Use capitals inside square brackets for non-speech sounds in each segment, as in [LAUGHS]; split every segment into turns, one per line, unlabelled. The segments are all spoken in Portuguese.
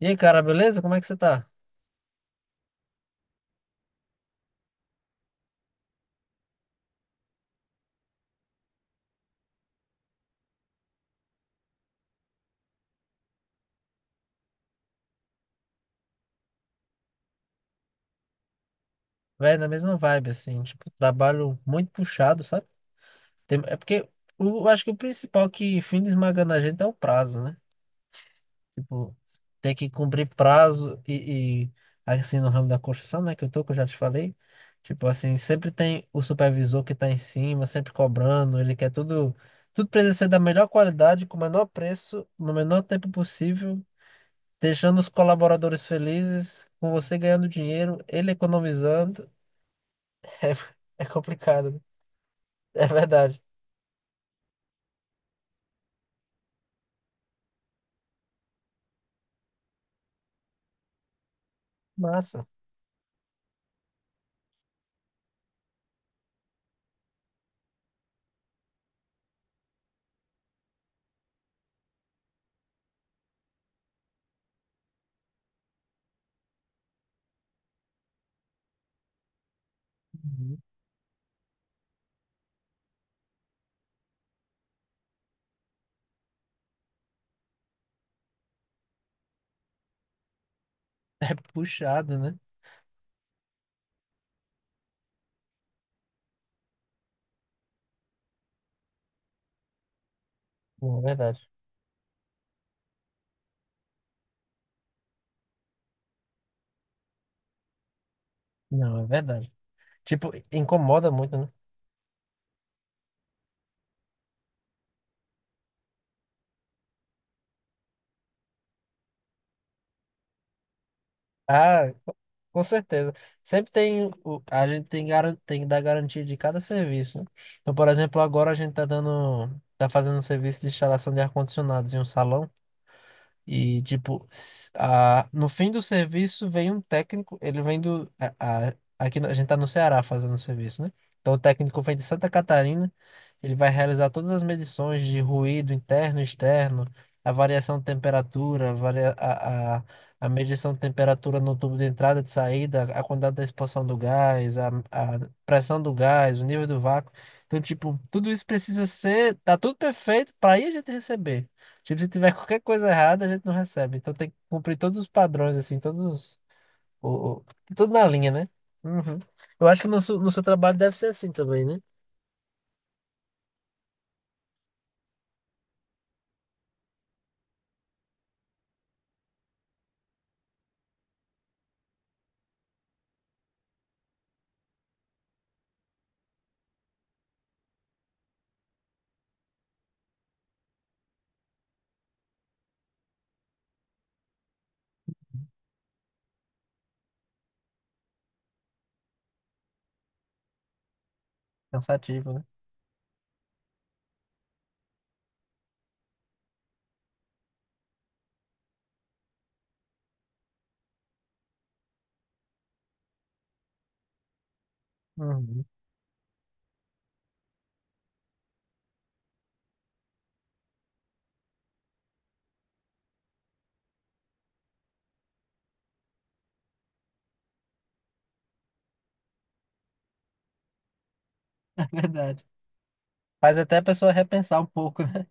E aí, cara, beleza? Como é que você tá? Véi, na mesma vibe, assim, tipo, trabalho muito puxado, sabe? É porque eu acho que o principal que fica esmagando a gente é o prazo, né? Tipo, tem que cumprir prazo e assim, no ramo da construção, né, que eu tô, que eu já te falei. Tipo, assim, sempre tem o supervisor que tá em cima, sempre cobrando, ele quer tudo, tudo precisa ser da melhor qualidade, com o menor preço, no menor tempo possível. Deixando os colaboradores felizes, com você ganhando dinheiro, ele economizando. É, é complicado, né? É verdade. Massa. Uhum. É puxado, né? Não, é verdade. Não, é verdade. Tipo, incomoda muito, né? Ah, co- com certeza. Sempre tem. A gente tem, tem que dar garantia de cada serviço, né? Então, por exemplo, agora a gente tá dando. Tá fazendo um serviço de instalação de ar-condicionados em um salão. E, tipo, no fim do serviço vem um técnico, ele vem do. A, a- aqui a gente tá no Ceará fazendo o serviço, né? Então o técnico vem de Santa Catarina, ele vai realizar todas as medições de ruído interno e externo, a variação de temperatura, a, varia- a medição de temperatura no tubo de entrada e de saída, a quantidade da expansão do gás, a pressão do gás, o nível do vácuo. Então, tipo, tudo isso precisa ser. Tá tudo perfeito para aí a gente receber. Tipo, se tiver qualquer coisa errada, a gente não recebe. Então tem que cumprir todos os padrões, assim, todos os. O, o- tudo na linha, né? Uhum. Eu acho que no seu, no seu trabalho deve ser assim também, né? Cansativo, né? Uhum. [LAUGHS] É verdade. Faz até a pessoa repensar um pouco, né?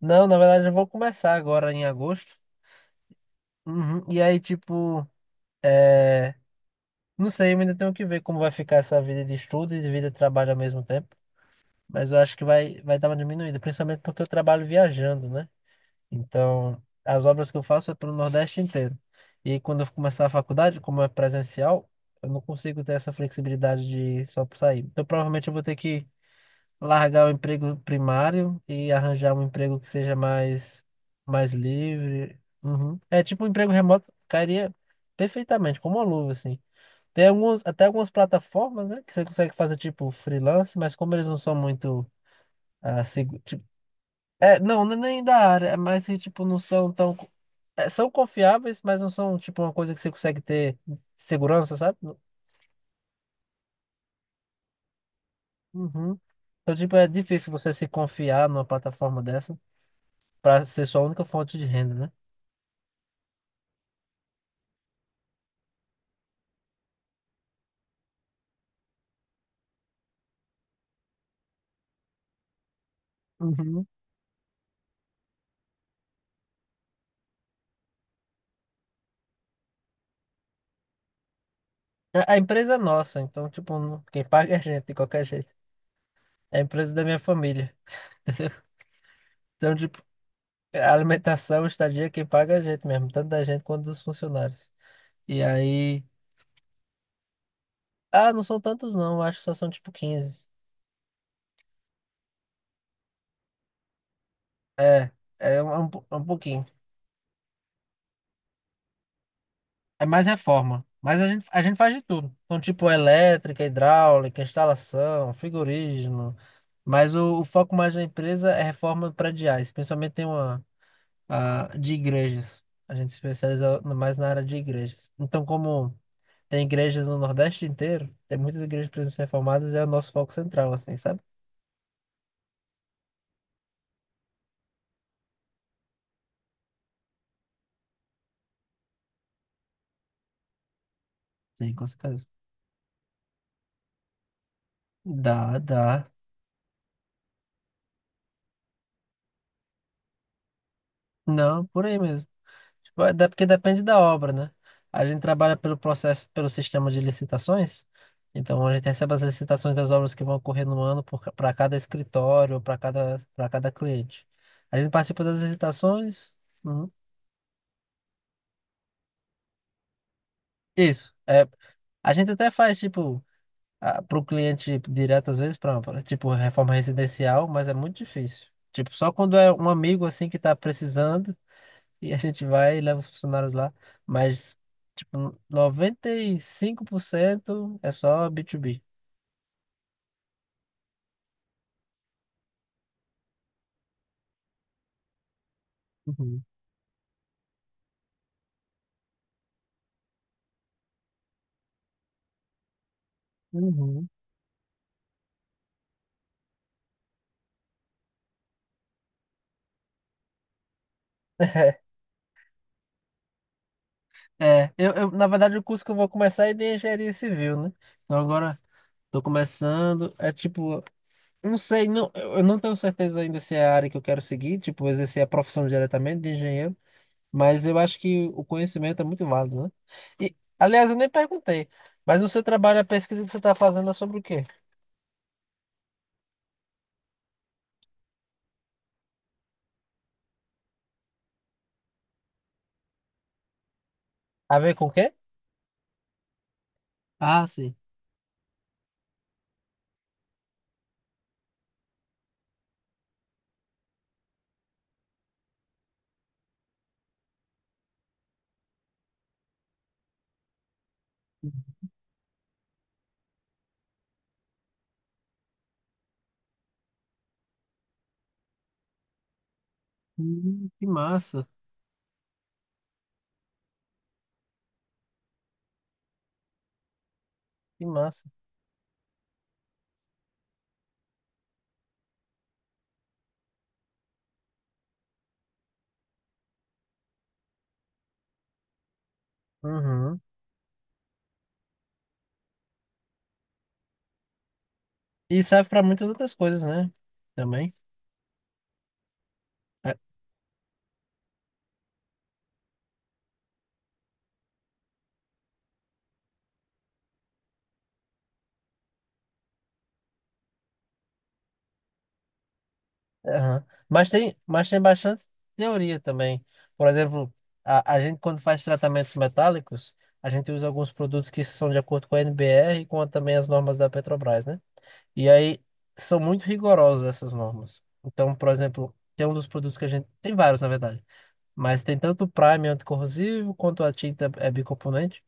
Não, na verdade, eu vou começar agora em agosto. Uhum. E aí, tipo, é, não sei, eu ainda tenho que ver como vai ficar essa vida de estudo e de vida de trabalho ao mesmo tempo. Mas eu acho que vai, vai dar uma diminuída, principalmente porque eu trabalho viajando, né? Então, as obras que eu faço é para o Nordeste inteiro. E quando eu começar a faculdade, como é presencial, eu não consigo ter essa flexibilidade de só sair. Então, provavelmente eu vou ter que largar o emprego primário e arranjar um emprego que seja mais, mais livre. Uhum. É tipo um emprego remoto, cairia perfeitamente, como uma luva, assim. Tem alguns, até algumas plataformas, né, que você consegue fazer tipo freelance, mas como eles não são muito tipo, é, não, não é nem da área, é mais que, tipo, não são tão é, são confiáveis, mas não são tipo uma coisa que você consegue ter segurança, sabe? Uhum. Então, tipo, é difícil você se confiar numa plataforma dessa para ser sua única fonte de renda, né? Uhum. A empresa é nossa, então, tipo, quem paga é a gente, de qualquer jeito. É a empresa da minha família. Então, tipo, a alimentação, a estadia, quem paga é a gente mesmo, tanto da gente quanto dos funcionários. E aí. Ah, não são tantos, não, acho que só são tipo 15. É, um pouquinho. É mais reforma. Mas a gente faz de tudo. Então, tipo, elétrica, hidráulica, instalação, frigorígeno. Mas o foco mais da empresa é reforma prediais. Principalmente tem uma de igrejas. A gente se especializa mais na área de igrejas. Então, como tem igrejas no Nordeste inteiro, tem muitas igrejas que precisam ser reformadas, é o nosso foco central, assim, sabe? Sim, com certeza. Dá, dá. Não, por aí mesmo. Tipo, porque depende da obra, né? A gente trabalha pelo processo, pelo sistema de licitações. Então, a gente recebe as licitações das obras que vão ocorrer no ano para cada escritório, para cada cliente. A gente participa das licitações. Uhum. Isso. É, a gente até faz, tipo, para o cliente direto, às vezes, para, tipo, reforma residencial, mas é muito difícil. Tipo, só quando é um amigo, assim, que está precisando, e a gente vai e leva os funcionários lá. Mas, tipo, 95% é só B2B. Uhum. Uhum. [LAUGHS] É, eu, na verdade, o curso que eu vou começar é de engenharia civil, né? Então agora tô começando, é tipo, não sei, não, eu não tenho certeza ainda se é a área que eu quero seguir, tipo, exercer a profissão diretamente de engenheiro, mas eu acho que o conhecimento é muito válido, né? E, aliás, eu nem perguntei, mas no seu trabalho, a pesquisa que você está fazendo é sobre o quê? A ver com o quê? Ah, sim. Que massa, que massa. Uhum. E serve para muitas outras coisas, né? Também. É, aham. Mas mas tem bastante teoria também. Por exemplo, a gente quando faz tratamentos metálicos, a gente usa alguns produtos que são de acordo com a NBR e com também as normas da Petrobras, né? E aí são muito rigorosas essas normas. Então, por exemplo, tem um dos produtos que a gente tem vários, na verdade, mas tem tanto o primer anticorrosivo quanto a tinta é bicomponente.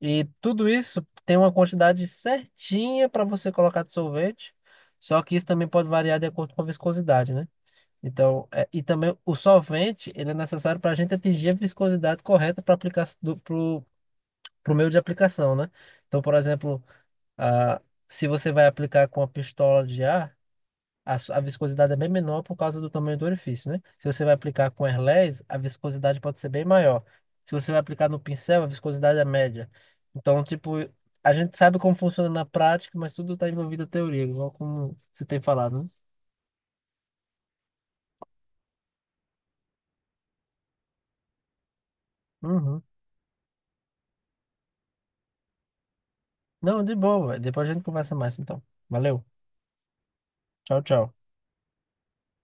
E tudo isso tem uma quantidade certinha para você colocar de sorvete, só que isso também pode variar de acordo com a viscosidade, né? Então, e também o solvente, ele é necessário para a gente atingir a viscosidade correta para aplicar pro, pro meio de aplicação, né? Então, por exemplo, ah, se você vai aplicar com a pistola de ar, a viscosidade é bem menor por causa do tamanho do orifício, né? Se você vai aplicar com airless, a viscosidade pode ser bem maior. Se você vai aplicar no pincel, a viscosidade é média. Então, tipo, a gente sabe como funciona na prática, mas tudo está envolvido a teoria, igual como você tem falado, né? Uhum. Não, de boa, véi. Depois a gente conversa mais, então. Valeu. Tchau, tchau.